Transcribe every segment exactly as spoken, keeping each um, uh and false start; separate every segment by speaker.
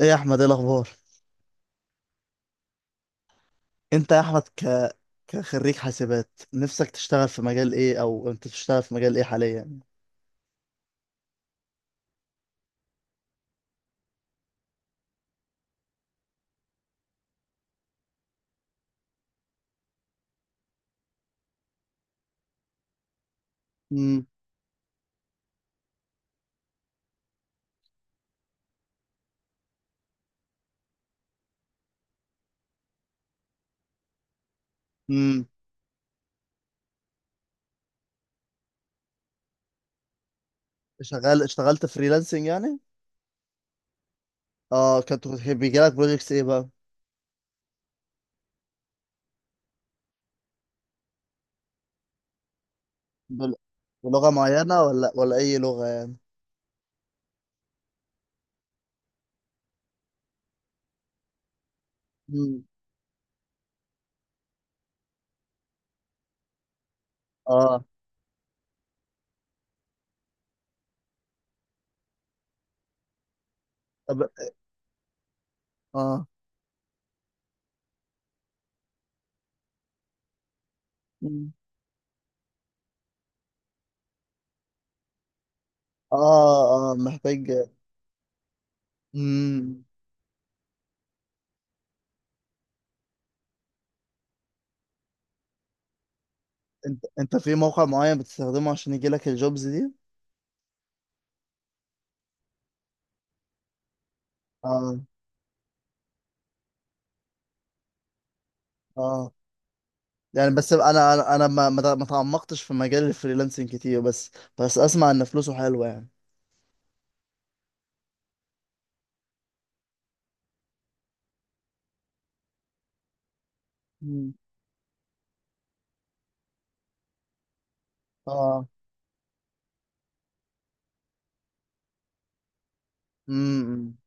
Speaker 1: ايه يا احمد، ايه الاخبار؟ انت يا احمد ك... كخريج حاسبات، نفسك تشتغل في مجال ايه، او انت بتشتغل في مجال ايه حاليا؟ امم امم شغال، اشتغلت فريلانسنج يعني؟ اه، كنت بيجي لك بروجكتس ايه بقى؟ بل... بلغة معينة ولا ولا اي لغة يعني؟ امم. اه. طب. اه. مم. اه اه، محتاج. امم. انت انت في موقع معين بتستخدمه عشان يجي لك الجوبز دي؟ اه اه. يعني بس انا انا أنا ما ما ما تعمقتش في مجال الفريلانسنج كتير، بس بس اسمع ان فلوسه حلوه يعني. مم. اه. امم.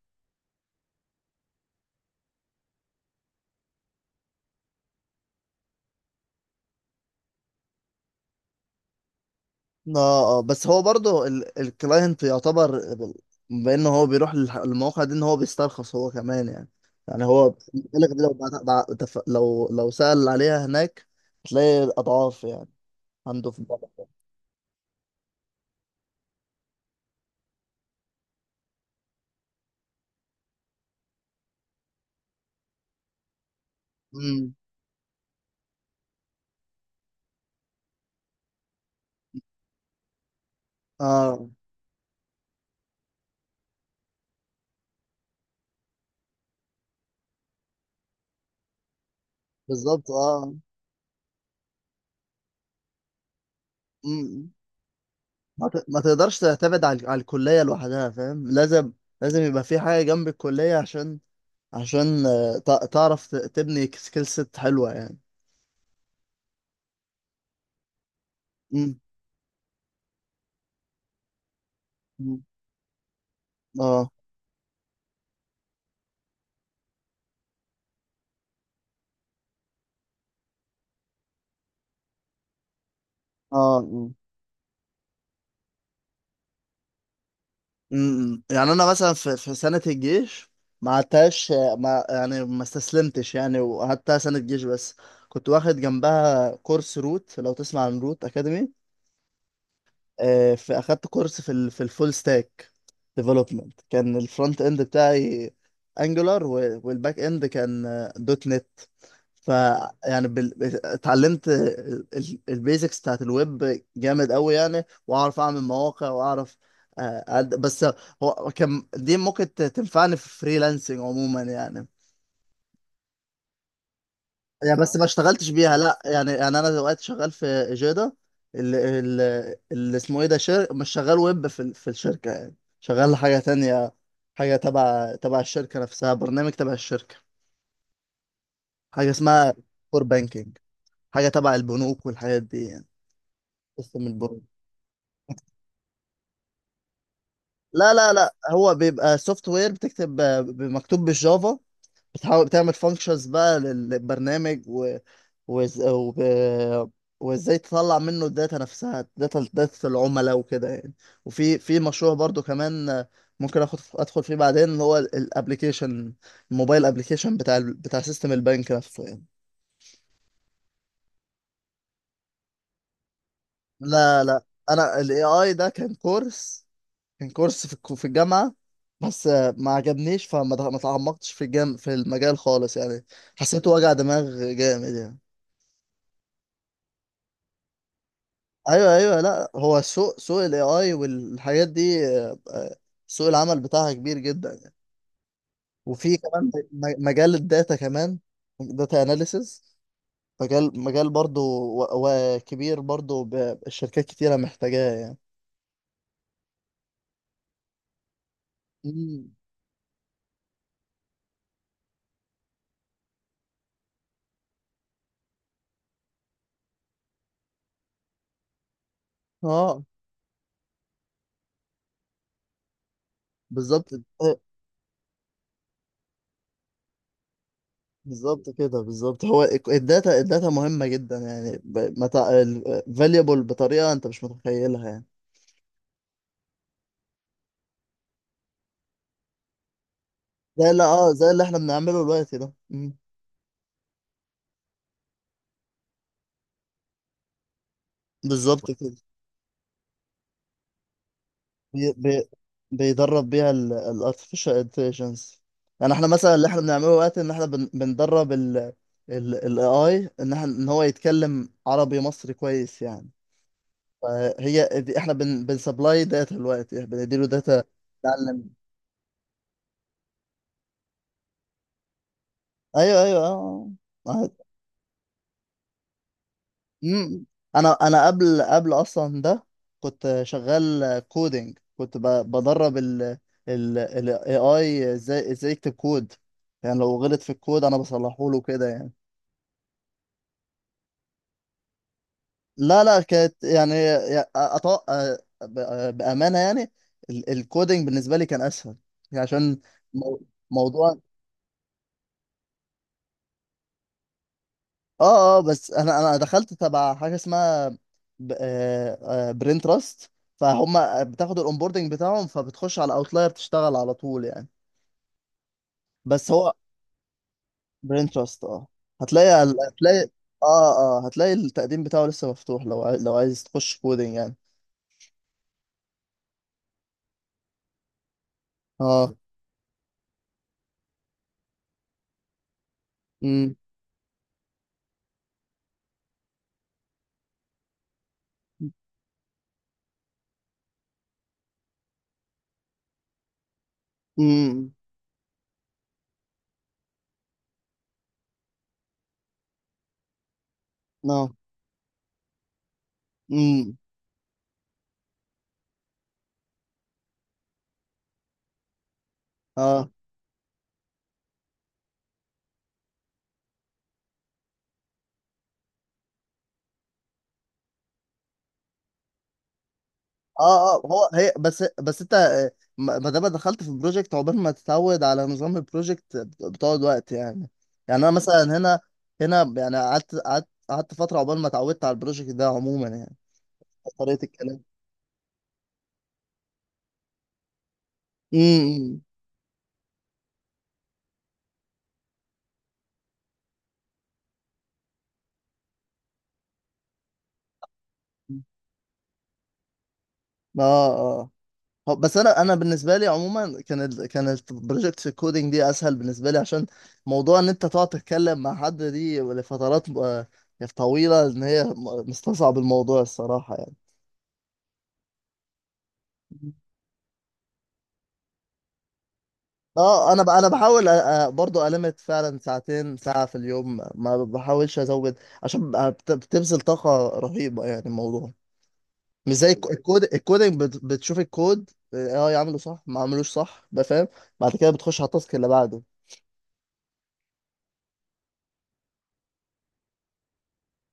Speaker 1: اه اه، بس هو برضه ال- الكلاينت يعتبر ب- بانه هو بيروح للح- للمواقع دي ان هو بيسترخص هو كمان يعني. يعني هو بالك لو بعت- بع- تف- لو لو سأل عليها هناك، هتلاقي اضعاف يعني عنده في البلد. امم. اه بالظبط، اه. ما ت- ما تقدرش تعتمد على على الكلية لوحدها، فاهم؟ لازم، لازم يبقى في حاجة جنب الكلية عشان عشان آه، تع- تعرف ت- تبني سكيل سيت حلوة يعني. امم. أمم. اه اه. أمم. أمم. يعني انا مثلا في في سنة الجيش ما عدتهاش، آه، ما يعني ما استسلمتش يعني، وقعدتها سنة جيش بس. كنت واخد جنبها كورس روت، لو تسمع عن روت اكاديمي. آه، في اخدت كورس في ال- في الفول ستاك ديفلوبمنت. كان الفرونت اند بتاعي انجولار، والباك اند كان دوت نت. ف، يعني بال... اتعلمت البيزكس بتاعت الويب جامد قوي يعني، واعرف اعمل مواقع واعرف آه، أد- بس هو كان دي ممكن ت- تنفعني في فريلانسنج عموما يعني. يعني بس ما اشتغلتش بيها، لا يعني يعني انا دلوقتي شغال في اجادا، اللي, اللي اسمه ايه ده شر... مش شغال ويب في ال- في الشركه يعني، شغال حاجه تانية، حاجه تبع تبع الشركه نفسها، برنامج تبع الشركه، حاجه اسمها كور بانكينج، حاجه تبع البنوك والحاجات دي يعني، قسم البنوك. لا لا لا، هو بيبقى سوفت وير، بتكتب، مكتوب بالجافا. بتحاول تعمل فانكشنز بقى للبرنامج و... وز... وب... وازاي تطلع منه الداتا نفسها، داتا داتا العملاء وكده يعني. وفي في مشروع برضو كمان ممكن اخد ادخل فيه بعدين، اللي هو الابلكيشن، الموبايل ابلكيشن بتاع ال... بتاع سيستم البنك نفسه يعني. لا لا، انا الاي اي ده كان كورس، كان كورس في الك- في الجامعه، بس آه، ما عجبنيش فما ما تعمقتش في الجام في المجال خالص يعني، حسيته وجع دماغ جامد يعني. ايوه ايوه، لا هو سوق، سوق الاي اي والحاجات دي، آه، آه، سوق العمل بتاعها كبير جدا. وفي كمان م- مجال الداتا كمان، داتا اناليسز، مجال مجال برضو، و- وكبير برضو، ب- الشركات كتيرة محتاجاه يعني. مم. اه بالظبط، آه، بالظبط كده، بالظبط. هو الك- الداتا، الداتا مهمة جدا يعني، فاليبل بطريقة انت مش متخيلها يعني. زي اللي، اه، زي اللي احنا بنعمله دلوقتي ده. مم. بالظبط كده. بي بي بيدرب بيها ال ال artificial intelligence يعني احنا مثلا اللي احنا بنعمله دلوقتي، ان احنا بن بندرب ال ال ال ايه آي، ان احنا ان هو يتكلم عربي مصري كويس يعني. فهي دي احنا بن بنسبلاي داتا دلوقتي، بنديله داتا تعلم. ايوه ايوه اه. آه. مم. انا انا قبل قبل اصلا ده كنت شغال كودينج، كنت ب- بدرب ال ال ال A I ازاي، ازاي يكتب كود، يعني لو غلط في الكود انا بصلحه له كده يعني. لا لا، كانت يعني يا- أط... آه، ب- آه، بأمانة يعني ال- الكودينج بالنسبة لي كان اسهل، يعني عشان مو- موضوع. اه اه، بس انا انا دخلت تبع حاجه اسمها ب... آه آه برين تراست، فهم بتاخد الاونبوردنج بتاعهم، فبتخش على اوتلاير تشتغل على طول يعني. بس هو، برين تراست، اه. هتلاقي، هتلاقي، اه اه، هتلاقي التقديم بتاعه لسه مفتوح لو عاي- لو عايز تخش كودينج يعني. اه. امم. امم. اه. امم. اه اه اه، هو هي بس بس انت آه، ما ما دام دخلت في البروجكت، عقبال ما تتعود على نظام البروجكت بتقعد وقت يعني. يعني انا مثلا هنا، هنا يعني قعدت قعدت قعدت فتره عقبال ما اتعودت على البروجكت ده عموما يعني، طريقه الكلام. امم. إمم. اه اه، هو- بس انا انا بالنسبه لي عموما كان ال- كانت بروجكت الكودينج دي اسهل بالنسبه لي، عشان موضوع ان انت تقعد تتكلم مع حد دي لفترات آه، طويله ان هي م- مستصعب الموضوع الصراحه يعني. اه انا ب... انا بحاول أ- أ- برضو ألمت فعلا ساعتين، ساعة في اليوم ما بحاولش ازود، عشان ب- بت- بتبذل طاقة رهيبة يعني الموضوع. مش زي الك- الكود الكودينج بت... بتشوف الكود، اه، آه، يعمله صح، ما عملوش صح، بقى فاهم. بعد كده بتخش على التاسك اللي بعده.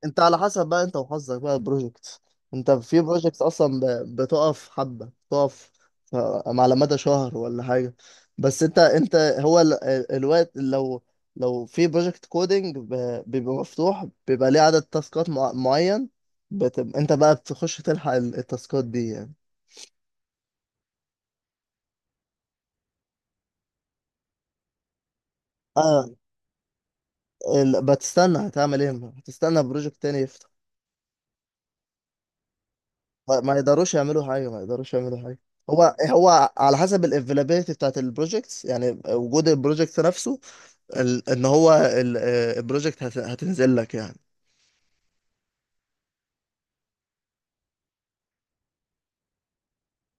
Speaker 1: انت على حسب بقى، انت وحظك بقى البروجكت. انت في بروجكت اصلا ب- بتقف حبة، بتقف ف، على مدى شهر ولا حاجة. بس انت انت هو ال- ال- الوقت لو، لو في بروجكت كودينج بيبقى مفتوح، بيبقى ليه عدد تاسكات مع- معين، بتبقى انت بقى بتخش تلحق ال- التاسكات دي يعني. اه. ال- بتستنى، هتعمل ايه، هتستنى بروجكت تاني يفتح. ما, ما يقدروش يعملوا حاجه، ما يقدروش يعملوا حاجه. هو هو على حسب الافيلابيلتي بتاعت البروجكتس، يعني وجود البروجكت نفسه، ال- ان هو البروجكت هتنزل لك يعني.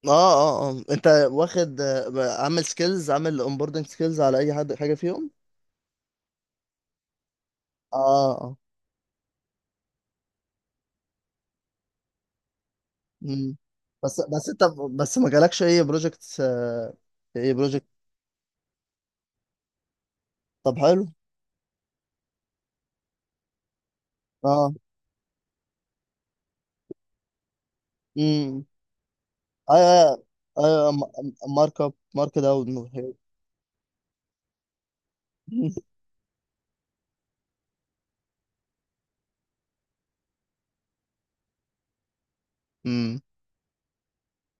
Speaker 1: اه اه اه، انت واخد آه، عامل سكيلز، عامل اونبوردنج سكيلز على اي حد، حاجه فيهم؟ اه اه. مم. بس بس انت، بس ما جالكش اي بروجكت، اي بروجكت؟ طب حلو. اه. امم. ايوه ايوه. مارك اب، مارك داون. امم.